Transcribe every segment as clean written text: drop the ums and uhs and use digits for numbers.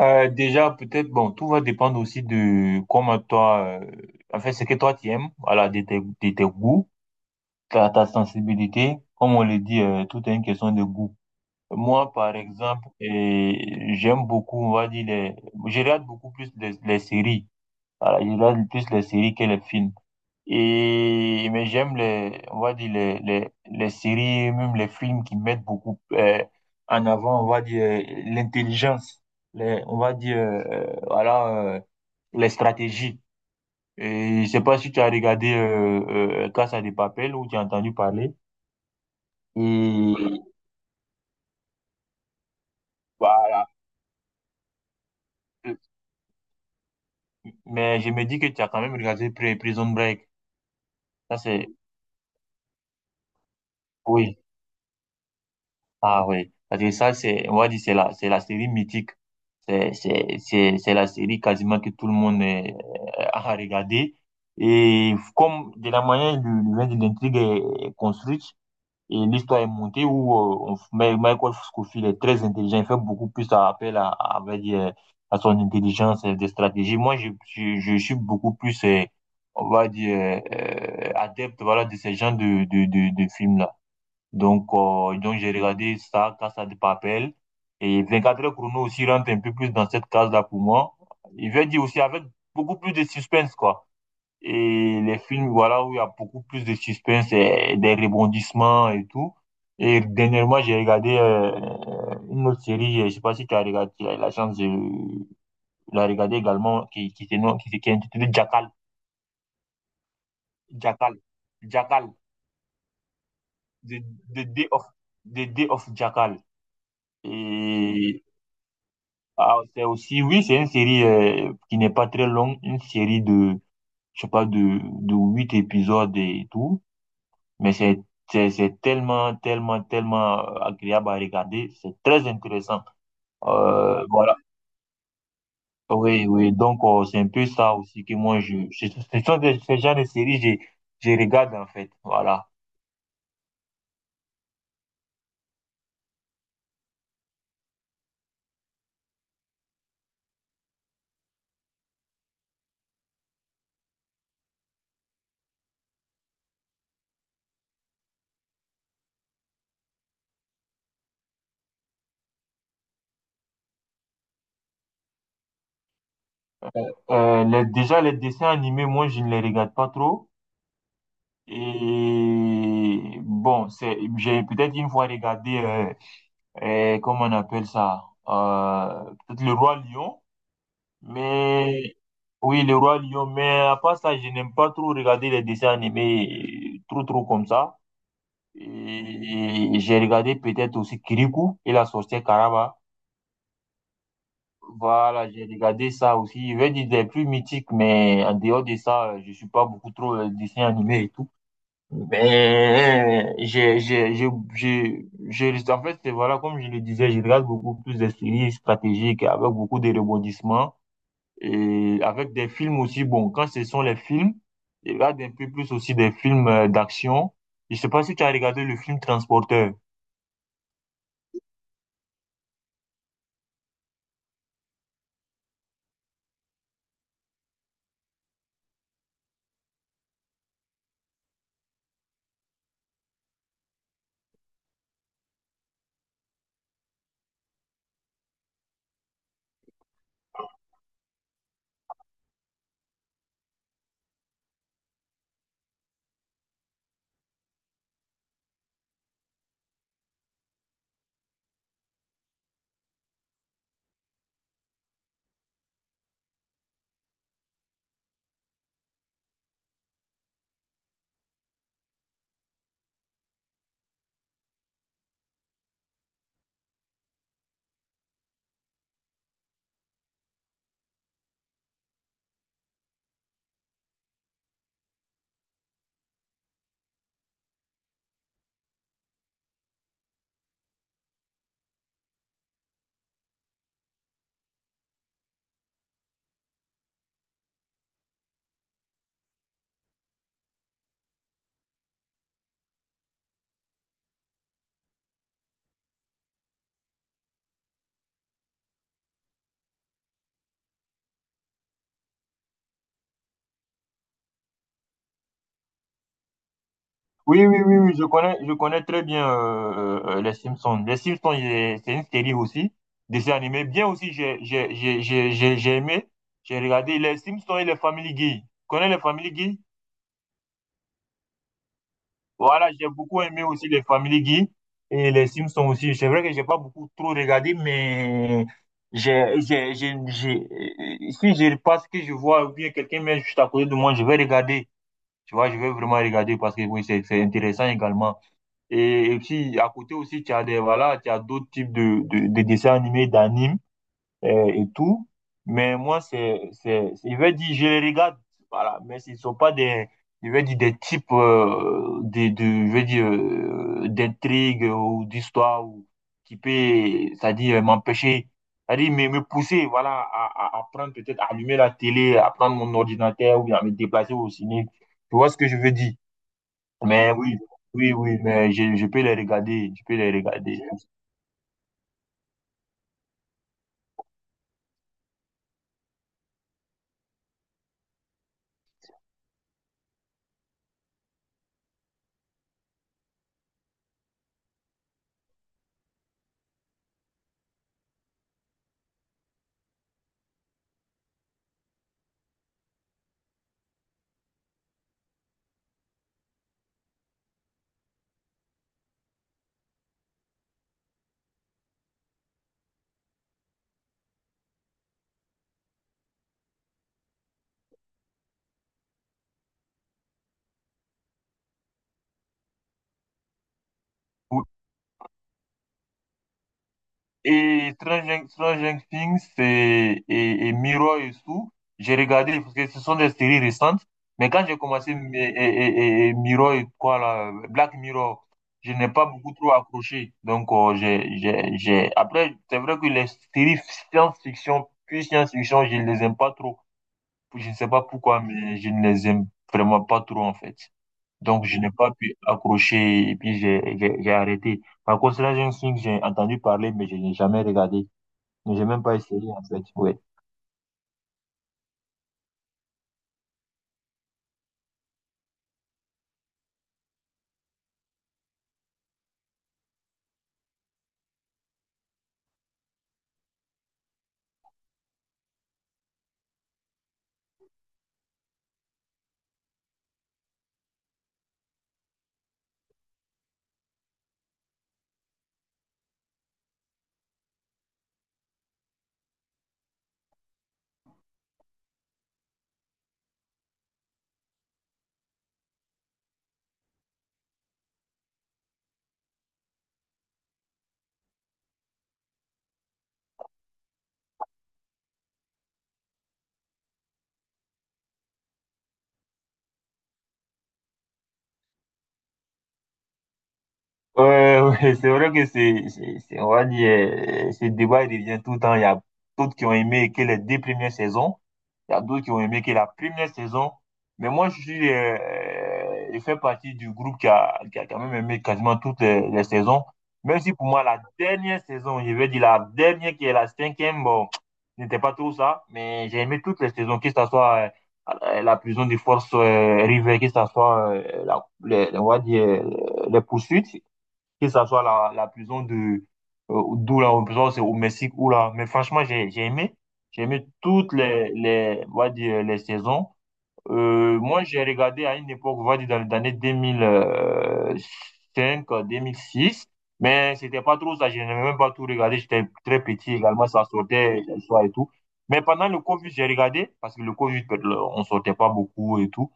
Déjà, peut-être, bon, tout va dépendre aussi de comment toi, en fait, ce que toi tu aimes, voilà, de tes goûts, ta sensibilité. Comme on le dit, tout est une question de goût. Moi, par exemple, j'aime beaucoup, on va dire, je regarde beaucoup plus les séries. Voilà, je regarde plus les séries que les films. Et, mais j'aime on va dire les séries, même les films qui mettent beaucoup en avant, on va dire, l'intelligence, on va dire, voilà, les stratégies. Et je sais pas si tu as regardé Casa de Papel ou tu as entendu parler. Et voilà. Mais je me dis que tu as quand même regardé Prison Break. Ça, c'est, oui. Ah, oui. Parce que ça, c'est, on va dire, c'est la série mythique. C'est la série quasiment que tout le monde a regardé. Et comme de la manière dont l'intrigue est construite et l'histoire est montée, où Michael Scofield est très intelligent, il fait beaucoup plus appel on va dire, à son intelligence et des stratégies. Moi, je suis beaucoup plus, on va dire, adepte voilà, de ce genre de films-là. Donc, j'ai regardé ça, Casa de Papel. Et 24 heures chrono aussi rentre un peu plus dans cette case-là pour moi. Il veut dire aussi avec beaucoup plus de suspense, quoi. Et les films, voilà, où il y a beaucoup plus de suspense et des rebondissements et tout. Et dernièrement, j'ai regardé une autre série, je sais pas si tu as regardé, tu as eu la chance de la regarder également, qui, se nomme- qui, se- qui est intitulée Jackal. Jackal. Jackal. The, the Day of, the Day of Jackal. Et Ah, c'est aussi, oui, c'est une série qui n'est pas très longue, une série de, je sais pas, de 8 épisodes et tout, mais c'est tellement, tellement, tellement agréable à regarder, c'est très intéressant. Voilà. Oui, oui, donc c'est un peu ça aussi que moi, ce sont ce genre de séries, je regarde en fait, voilà. Déjà, les dessins animés, moi, je ne les regarde pas trop. Et bon, j'ai peut-être une fois regardé et comment on appelle ça? Peut-être le Roi Lion, mais oui, le Roi Lion, mais à part ça, je n'aime pas trop regarder les dessins animés trop trop comme ça. Et, j'ai regardé peut-être aussi Kirikou et la sorcière Karaba. Voilà, j'ai regardé ça aussi. Je vais dire des plus mythiques, mais en dehors de ça, je suis pas beaucoup trop dessin animé et tout. Ben, j'ai, je, je, en fait, voilà, comme je le disais, je regarde beaucoup plus des séries stratégiques avec beaucoup de rebondissements et avec des films aussi. Bon, quand ce sont les films, je regarde un peu plus aussi des films d'action. Je sais pas si tu as regardé le film Transporteur. Oui, oui, oui, oui, je connais très bien les Simpsons. Les Simpsons, c'est une série aussi, dessin animé. Bien aussi, j'ai aimé, j'ai regardé les Simpsons et les Family Guy. Tu connais les Family Guy? Voilà, j'ai beaucoup aimé aussi les Family Guy et les Simpsons aussi. C'est vrai que j'ai pas beaucoup trop regardé, mais si je passe que je vois ou bien quelqu'un met juste à côté de moi, je vais regarder. Tu vois, je vais vraiment regarder parce que oui, c'est intéressant également. Et, puis, à côté aussi, voilà, tu as d'autres types de dessins animés, d'animes et tout. Mais moi, je vais dire, je les regarde, voilà, mais ce ne sont pas je vais dire, des types de, je vais dire, d'intrigues ou d'histoires ou qui peut, c'est-à-dire, m'empêcher, c'est-à-dire, me pousser, voilà, à prendre peut-être, à allumer la télé, à prendre mon ordinateur ou bien à me déplacer au ciné. Tu vois ce que je veux dire? Mais oui, oui, oui, mais je peux les regarder, je peux les regarder. Ou- Et Stranger Things et, et Mirror et tout, j'ai regardé parce que ce sont des séries récentes. Mais quand j'ai commencé et Mirror et quoi là, Black Mirror, je n'ai pas beaucoup trop accroché. Donc, après, c'est vrai que les séries science-fiction, puis science-fiction, je ne les aime pas trop. Je ne sais pas pourquoi, mais je ne les aime vraiment pas trop en fait. Donc, je n'ai pas pu accrocher et puis j'ai arrêté. Par contre, là j'ai Stranger Things, j'ai entendu parler, mais je n'ai jamais regardé. Mais j'ai même pas essayé, en fait. Ouais. Ouais, ouais, c'est vrai que c'est, on va dire, ce débat, il revient tout le temps. Il y a d'autres qui ont aimé que les deux premières saisons. Il y a d'autres qui ont aimé que la première saison. Mais moi, je fais partie du groupe qui a quand même aimé quasiment toutes les saisons. Même si pour moi, la dernière saison, je vais dire la dernière qui est la cinquième, bon, n'était pas trop ça. Mais j'ai aimé toutes les saisons, que ce soit la prison des forces River, que ce soit les, on va dire, les poursuites que ça soit la prison d'où la prison, c'est au Mexique ou là. Mais franchement, j'ai aimé toutes on va dire, les saisons. Moi, j'ai regardé à une époque, on va dire dans les années deux mille cinq, 2006, mais c'était pas trop ça. Je n'ai même pas tout regardé. J'étais très petit également, ça sortait le soir et tout. Mais pendant le Covid, j'ai regardé, parce que le Covid, on sortait pas beaucoup et tout.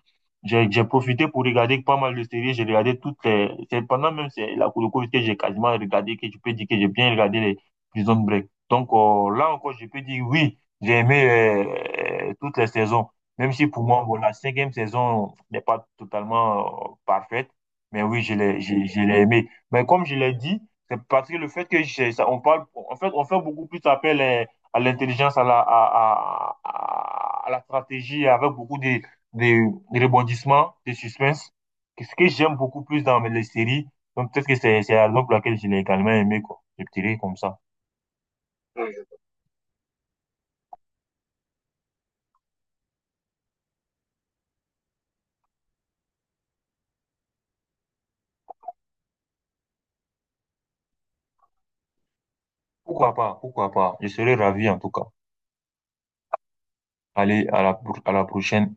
J'ai profité pour regarder pas mal de séries. J'ai regardé toutes les. C'est pendant même le Covid que j'ai quasiment regardé, que je peux dire que j'ai bien regardé les Prison Break. Donc là encore, je peux dire oui, j'ai aimé toutes les saisons. Même si pour moi, bon, la cinquième saison n'est pas totalement parfaite, mais oui, je l'ai aimé. Mais comme je l'ai dit, c'est parce que le fait que ça, en fait, on fait beaucoup plus appel à l'intelligence, à la stratégie, avec beaucoup de rebondissements, de suspense, ce que j'aime beaucoup plus dans les séries. Donc peut-être que c'est la raison pour laquelle je l'ai également aimé, quoi. Je dirais comme ça. Pourquoi pas, pourquoi pas. Je serais ravi en tout cas. Allez, à la prochaine.